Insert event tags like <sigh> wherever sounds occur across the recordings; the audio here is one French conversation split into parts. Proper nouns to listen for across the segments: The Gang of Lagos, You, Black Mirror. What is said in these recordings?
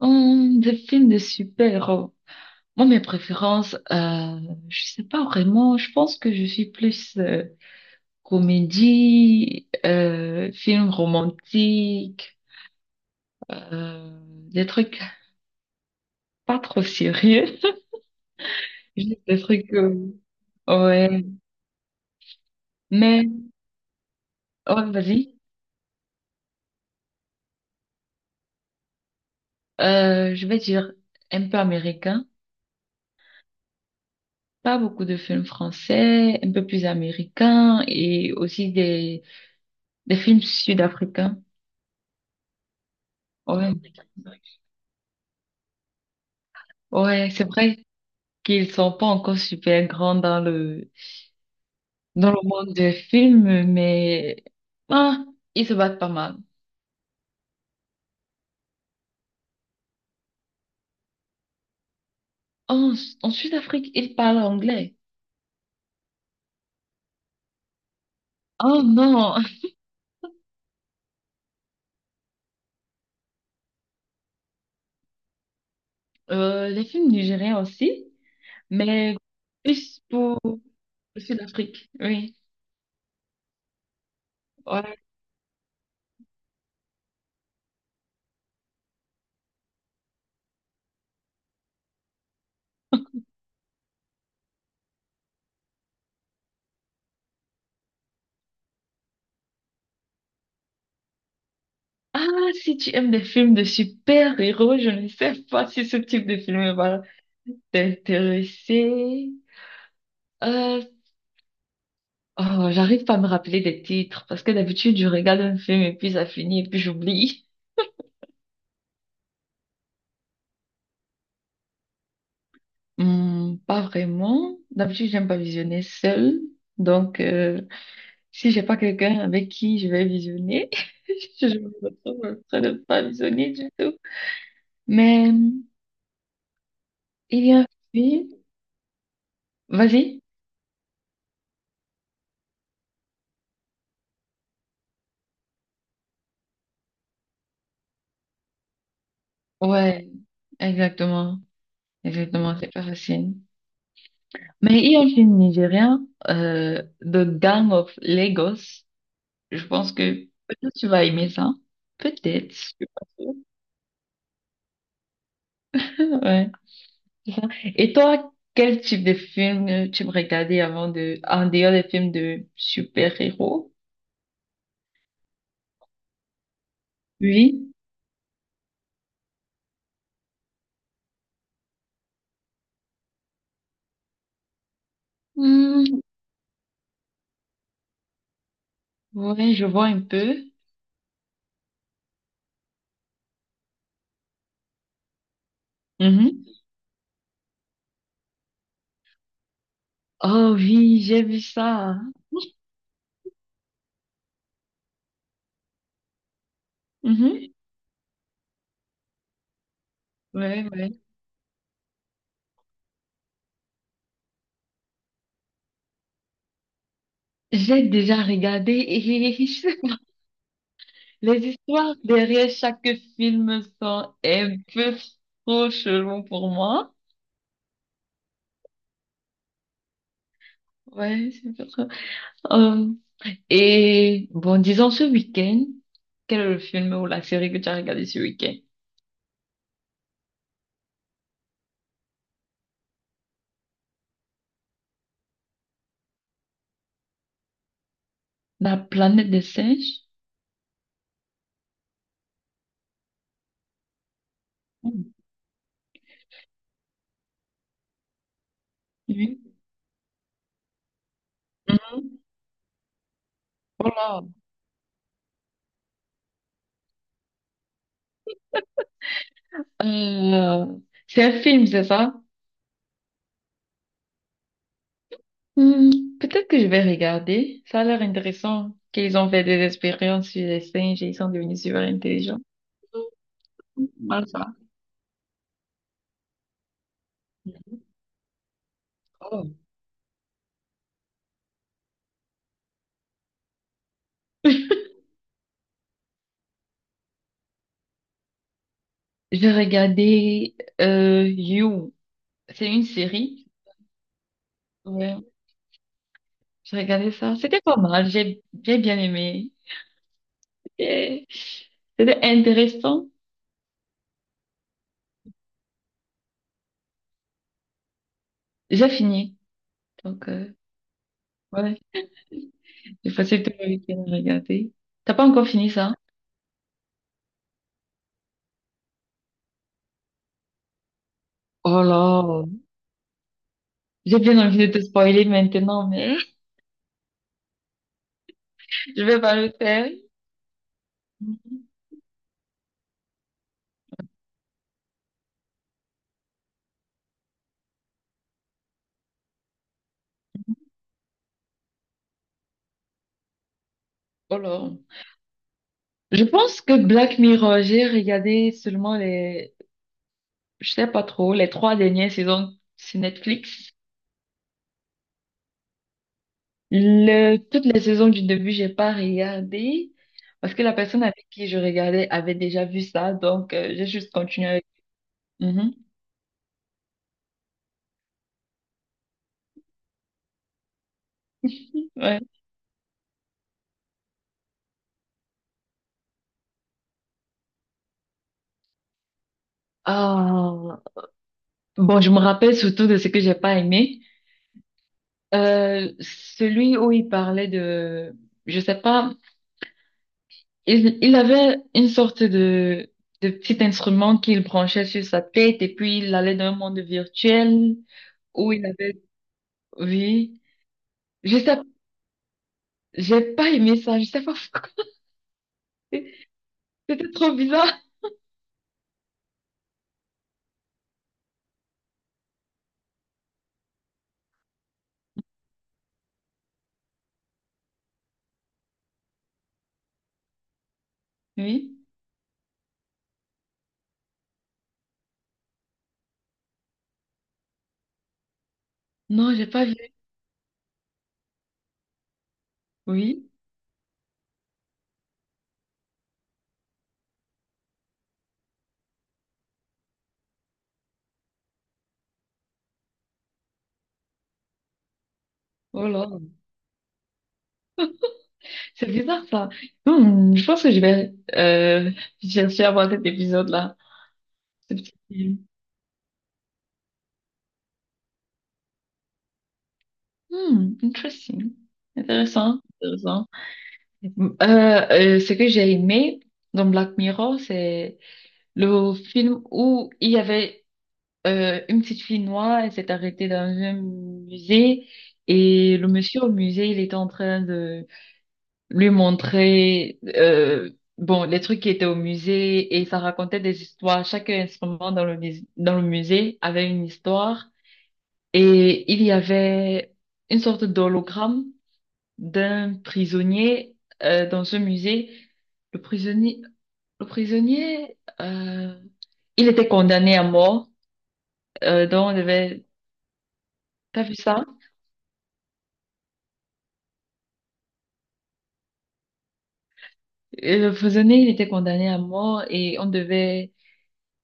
Des films de super-héros. Moi, mes préférences, je sais pas vraiment. Je pense que je suis plus comédie, film romantique, euh, des trucs pas trop sérieux. <laughs> Juste des trucs. Ouais. Mais ouais, vas-y. Je vais dire un peu américain. Pas beaucoup de films français, un peu plus américain et aussi des films sud-africains. Ouais. Ouais, c'est vrai qu'ils sont pas encore super grands dans le monde des films, mais ah, ils se battent pas mal. En, en Sud-Afrique, ils parlent anglais. Oh non, <laughs> les films nigériens aussi, mais plus pour le Sud-Afrique, oui. Ouais. Ah, si tu aimes des films de super-héros, je ne sais pas si ce type de film va t'intéresser. Euh, Oh, j'arrive pas à me rappeler des titres parce que d'habitude je regarde un film et puis ça finit et puis j'oublie. Hmm, pas vraiment. D'habitude j'aime pas visionner seule. Donc si j'ai pas quelqu'un avec qui je vais visionner, <laughs> je me retrouve en train de pas visionner du tout. Mais hmm, il y a un film. Vas-y. Ouais, exactement. Exactement, c'est pas facile. Mais il y a un film nigérien The Gang of Lagos. Je pense que peut-être tu vas aimer ça. Peut-être, je suis pas sûre. Ouais, c'est ça. Et toi, quel type de film tu me regardais avant de, en dehors des films de super-héros? Oui. Hmm, ouais, je vois un peu. Mhm. Oh oui, j'ai vu ça. Mhm. Ouais, ouais. J'ai déjà regardé et <laughs> les histoires derrière chaque film sont un peu trop chelou pour moi. Ouais, c'est pour ça. Euh, Et bon, disons ce week-end, quel est le film ou la série que tu as regardé ce week-end? La planète des singes? Oui. Mhm. Voilà. Euh, c'est un film, c'est ça? Hmm, peut-être que je vais regarder. Ça a l'air intéressant qu'ils ont fait des expériences sur les singes et ils sont devenus super intelligents. Voilà ça. Oh. J'ai regardé You. C'est une série. Ouais. J'ai regardé ça. C'était pas mal. J'ai bien aimé. Et c'était intéressant. J'ai fini. Donc, ouais, j'ai passé tout le week-end à regarder. T'as pas encore fini ça? Oh là, j'ai bien envie de te spoiler maintenant, mais <laughs> je vais pas le faire. Oh là. Je pense que Black Mirror, j'ai regardé seulement les, je sais pas trop, les trois dernières saisons sur Netflix. Le, toutes les saisons du début, j'ai pas regardé parce que la personne avec qui je regardais avait déjà vu ça, donc j'ai juste continué avec. Mhm. Ouais. Ah, bon, je me rappelle surtout de ce que j'ai pas aimé. Celui où il parlait de, je sais pas, il avait une sorte de petit instrument qu'il branchait sur sa tête et puis il allait dans un monde virtuel où il avait, oui, je sais, j'ai pas aimé ça, je sais pas pourquoi. <laughs> C'était trop bizarre. Oui. Non, j'ai pas vu. Oui. Oh là. C'est bizarre ça. Hmm, je pense que je vais chercher à voir cet épisode-là, ce petit film. Hmm, interesting. Intéressant, intéressant. Euh, ce que j'ai aimé dans Black Mirror, c'est le film où il y avait une petite fille noire, elle s'est arrêtée dans un musée et le monsieur au musée, il était en train de lui montrer bon, les trucs qui étaient au musée et ça racontait des histoires. Chaque instrument dans dans le musée avait une histoire et il y avait une sorte d'hologramme d'un prisonnier dans un musée. Le prisonnier, le prisonnier, il était condamné à mort. Donc on devait, t'as vu ça? Et le prisonnier, il était condamné à mort et on devait,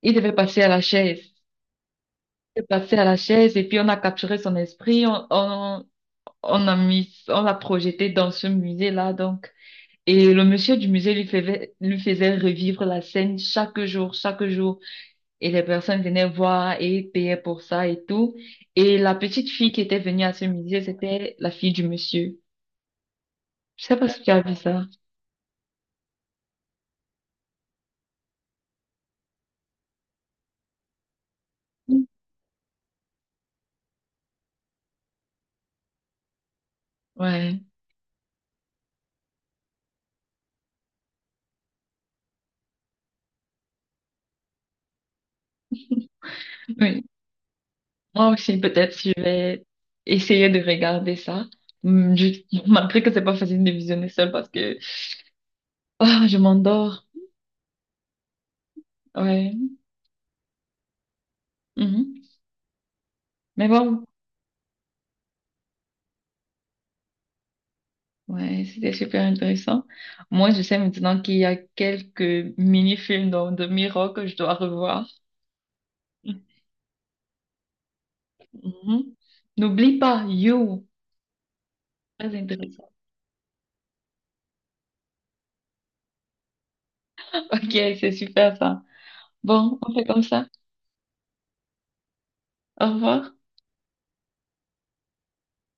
il devait passer à la chaise. Il est passé à la chaise et puis on a capturé son esprit. On a mis, on l'a projeté dans ce musée-là, donc. Et le monsieur du musée lui faisait revivre la scène chaque jour, chaque jour. Et les personnes venaient voir et payaient pour ça et tout. Et la petite fille qui était venue à ce musée, c'était la fille du monsieur. Je sais pas si tu as vu ça. Ouais. Oui. Moi aussi, peut-être, je vais essayer de regarder ça. Je... <laughs> Malgré que c'est pas facile de visionner seul parce que ah, je m'endors. Ouais. Mhm. Mais bon, ouais, c'était super intéressant. Moi, je sais maintenant qu'il y a quelques mini-films dans de Miro que je dois revoir. Mhm. N'oublie pas, you. Très intéressant. <laughs> Ok, c'est super ça. Bon, on fait comme ça. Au revoir.